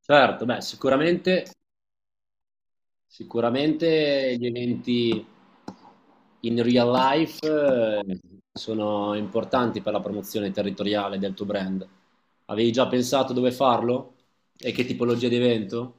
Certo, beh, sicuramente, sicuramente gli eventi in real life sono importanti per la promozione territoriale del tuo brand. Avevi già pensato dove farlo? E che tipologia di evento?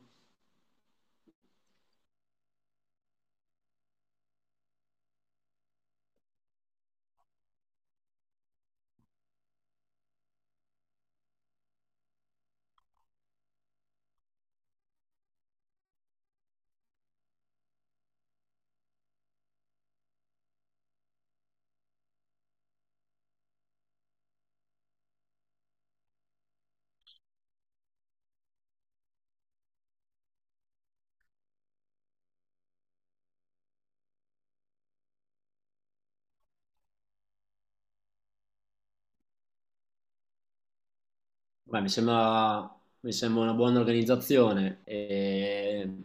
Beh, mi sembra una buona organizzazione. E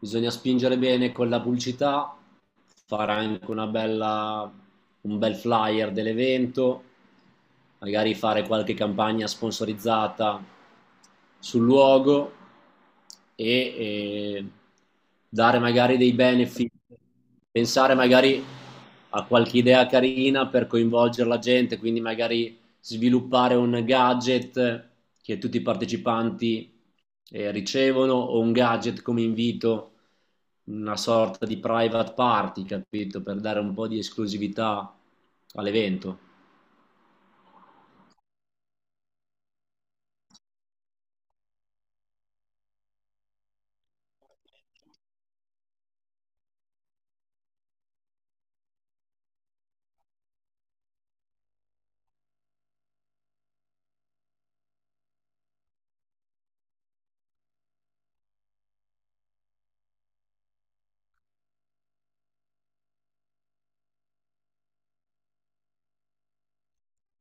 Bisogna spingere bene con la pubblicità, fare anche un bel flyer dell'evento, magari fare qualche campagna sponsorizzata sul luogo e dare magari dei benefit, pensare magari a qualche idea carina per coinvolgere la gente, quindi magari sviluppare un gadget che tutti i partecipanti ricevono, o un gadget come invito, una sorta di private party, capito? Per dare un po' di esclusività all'evento.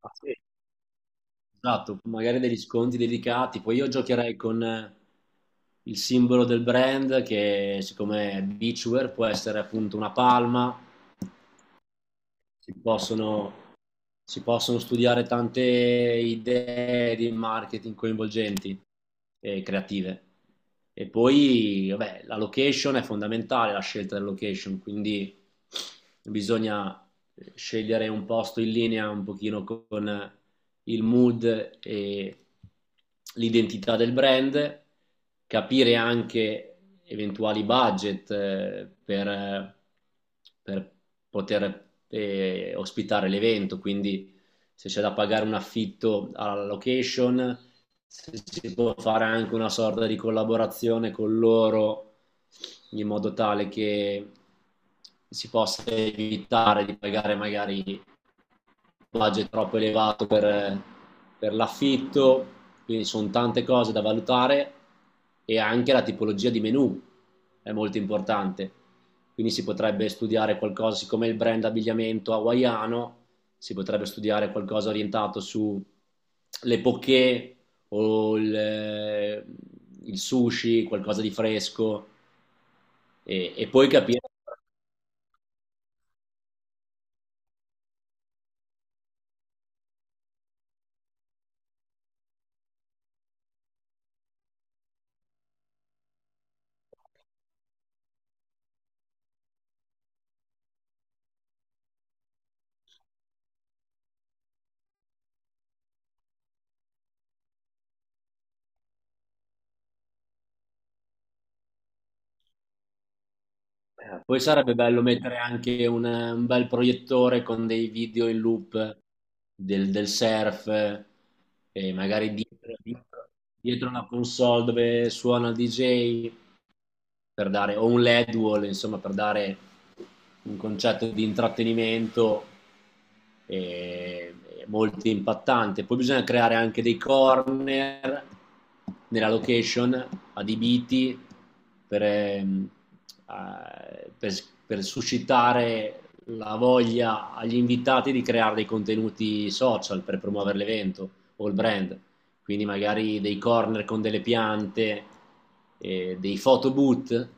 Ah, sì. Esatto, magari degli sconti dedicati. Poi io giocherei con il simbolo del brand che, siccome è beachwear, può essere appunto una palma. si possono, si possono studiare tante idee di marketing coinvolgenti e creative. E poi, vabbè, la location è fondamentale, la scelta della location, quindi bisogna scegliere un posto in linea un pochino con il mood e l'identità del brand, capire anche eventuali budget per poter ospitare l'evento, quindi se c'è da pagare un affitto alla location, se si può fare anche una sorta di collaborazione con loro in modo tale che si possa evitare di pagare magari budget troppo elevato per l'affitto. Quindi sono tante cose da valutare, e anche la tipologia di menu è molto importante. Quindi si potrebbe studiare qualcosa, siccome il brand abbigliamento hawaiano, si potrebbe studiare qualcosa orientato sulle poké o il sushi, qualcosa di fresco e poi capire. Poi sarebbe bello mettere anche un bel proiettore con dei video in loop del surf, e magari dietro una console dove suona il DJ per dare, o un LED wall, insomma, per dare un concetto di intrattenimento eh, molto impattante. Poi bisogna creare anche dei corner nella location adibiti per, ehm, eh, per, per suscitare la voglia agli invitati di creare dei contenuti social per promuovere l'evento o il brand, quindi magari dei corner con delle piante, dei photoboot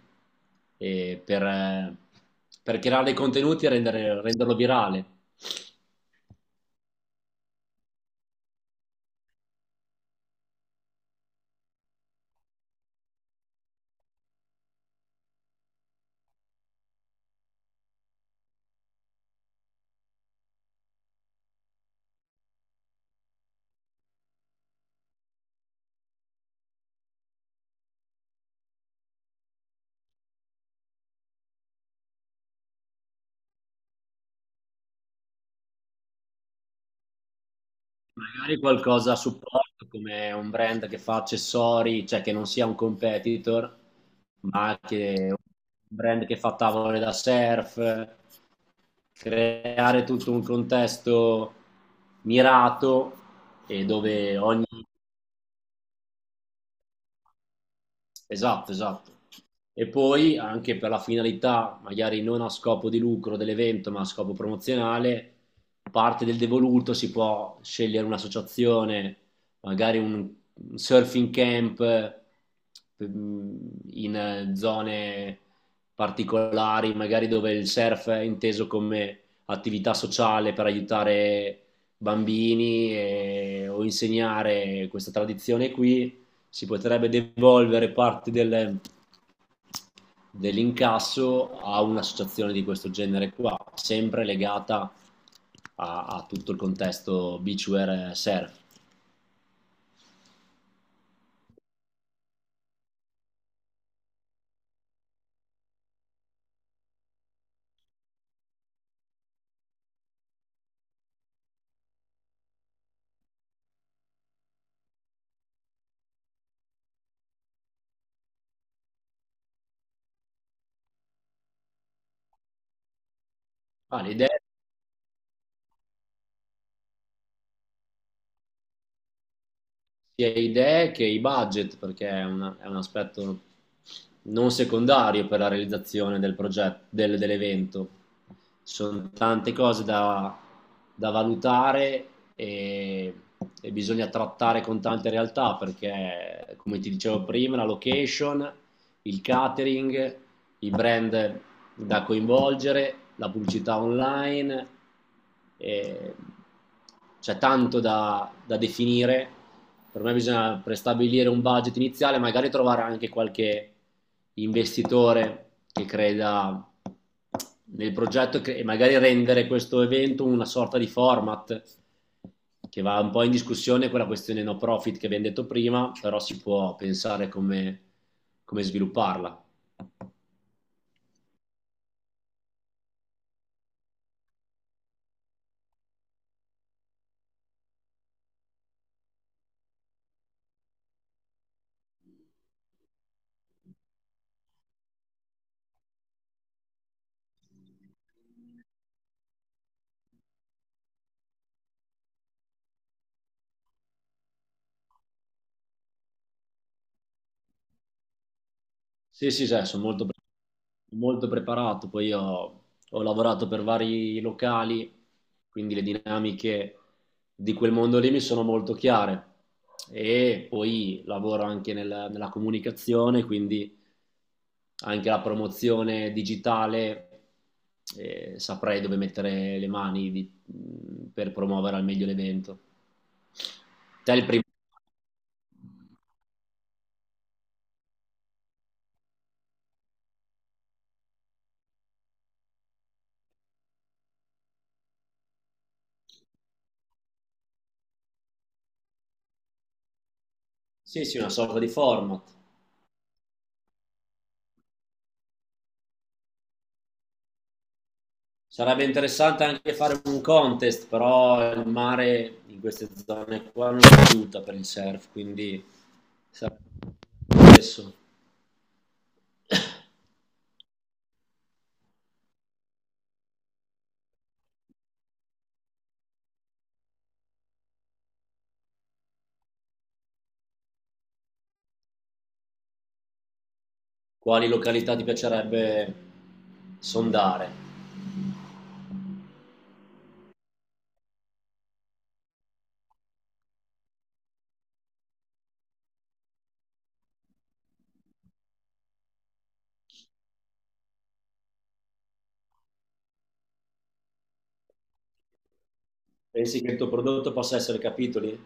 eh, per, eh, per creare dei contenuti e renderlo virale. Magari qualcosa a supporto come un brand che fa accessori, cioè che non sia un competitor, ma che un brand che fa tavole da surf, creare tutto un contesto mirato e dove ogni... Esatto, esatto. E poi anche per la finalità, magari non a scopo di lucro dell'evento, ma a scopo promozionale, parte del devoluto si può scegliere un'associazione, magari un surfing camp, in zone particolari, magari dove il surf è inteso come attività sociale per aiutare bambini o insegnare questa tradizione qui, si potrebbe devolvere parte dell'incasso a un'associazione di questo genere qua, sempre legata a, a tutto il contesto beachwear surf. Ah, l'idea, sia idee che i budget, perché è, è un aspetto non secondario per la realizzazione del progetto, dell'evento. Sono tante cose da valutare, e, e bisogna trattare con tante realtà perché, come ti dicevo prima, la location, il catering, i brand da coinvolgere, la pubblicità online, e c'è tanto da definire. Per me bisogna prestabilire un budget iniziale, magari trovare anche qualche investitore che creda nel progetto e magari rendere questo evento una sorta di format, che va un po' in discussione con la questione no profit che abbiamo detto prima, però si può pensare come, come svilupparla. Sì, sì, sì, sono molto molto preparato. Poi io ho lavorato per vari locali, quindi le dinamiche di quel mondo lì mi sono molto chiare, e poi lavoro anche nella comunicazione, quindi anche la promozione digitale, saprei dove mettere le mani per promuovere al meglio l'evento. Te il primo... Sì, sì, una sorta di format. Sarebbe interessante anche fare un contest, però il mare in queste zone qua non aiuta per il surf, quindi sarebbe adesso... Quali località ti piacerebbe sondare? Pensi che il tuo prodotto possa essere capitoli?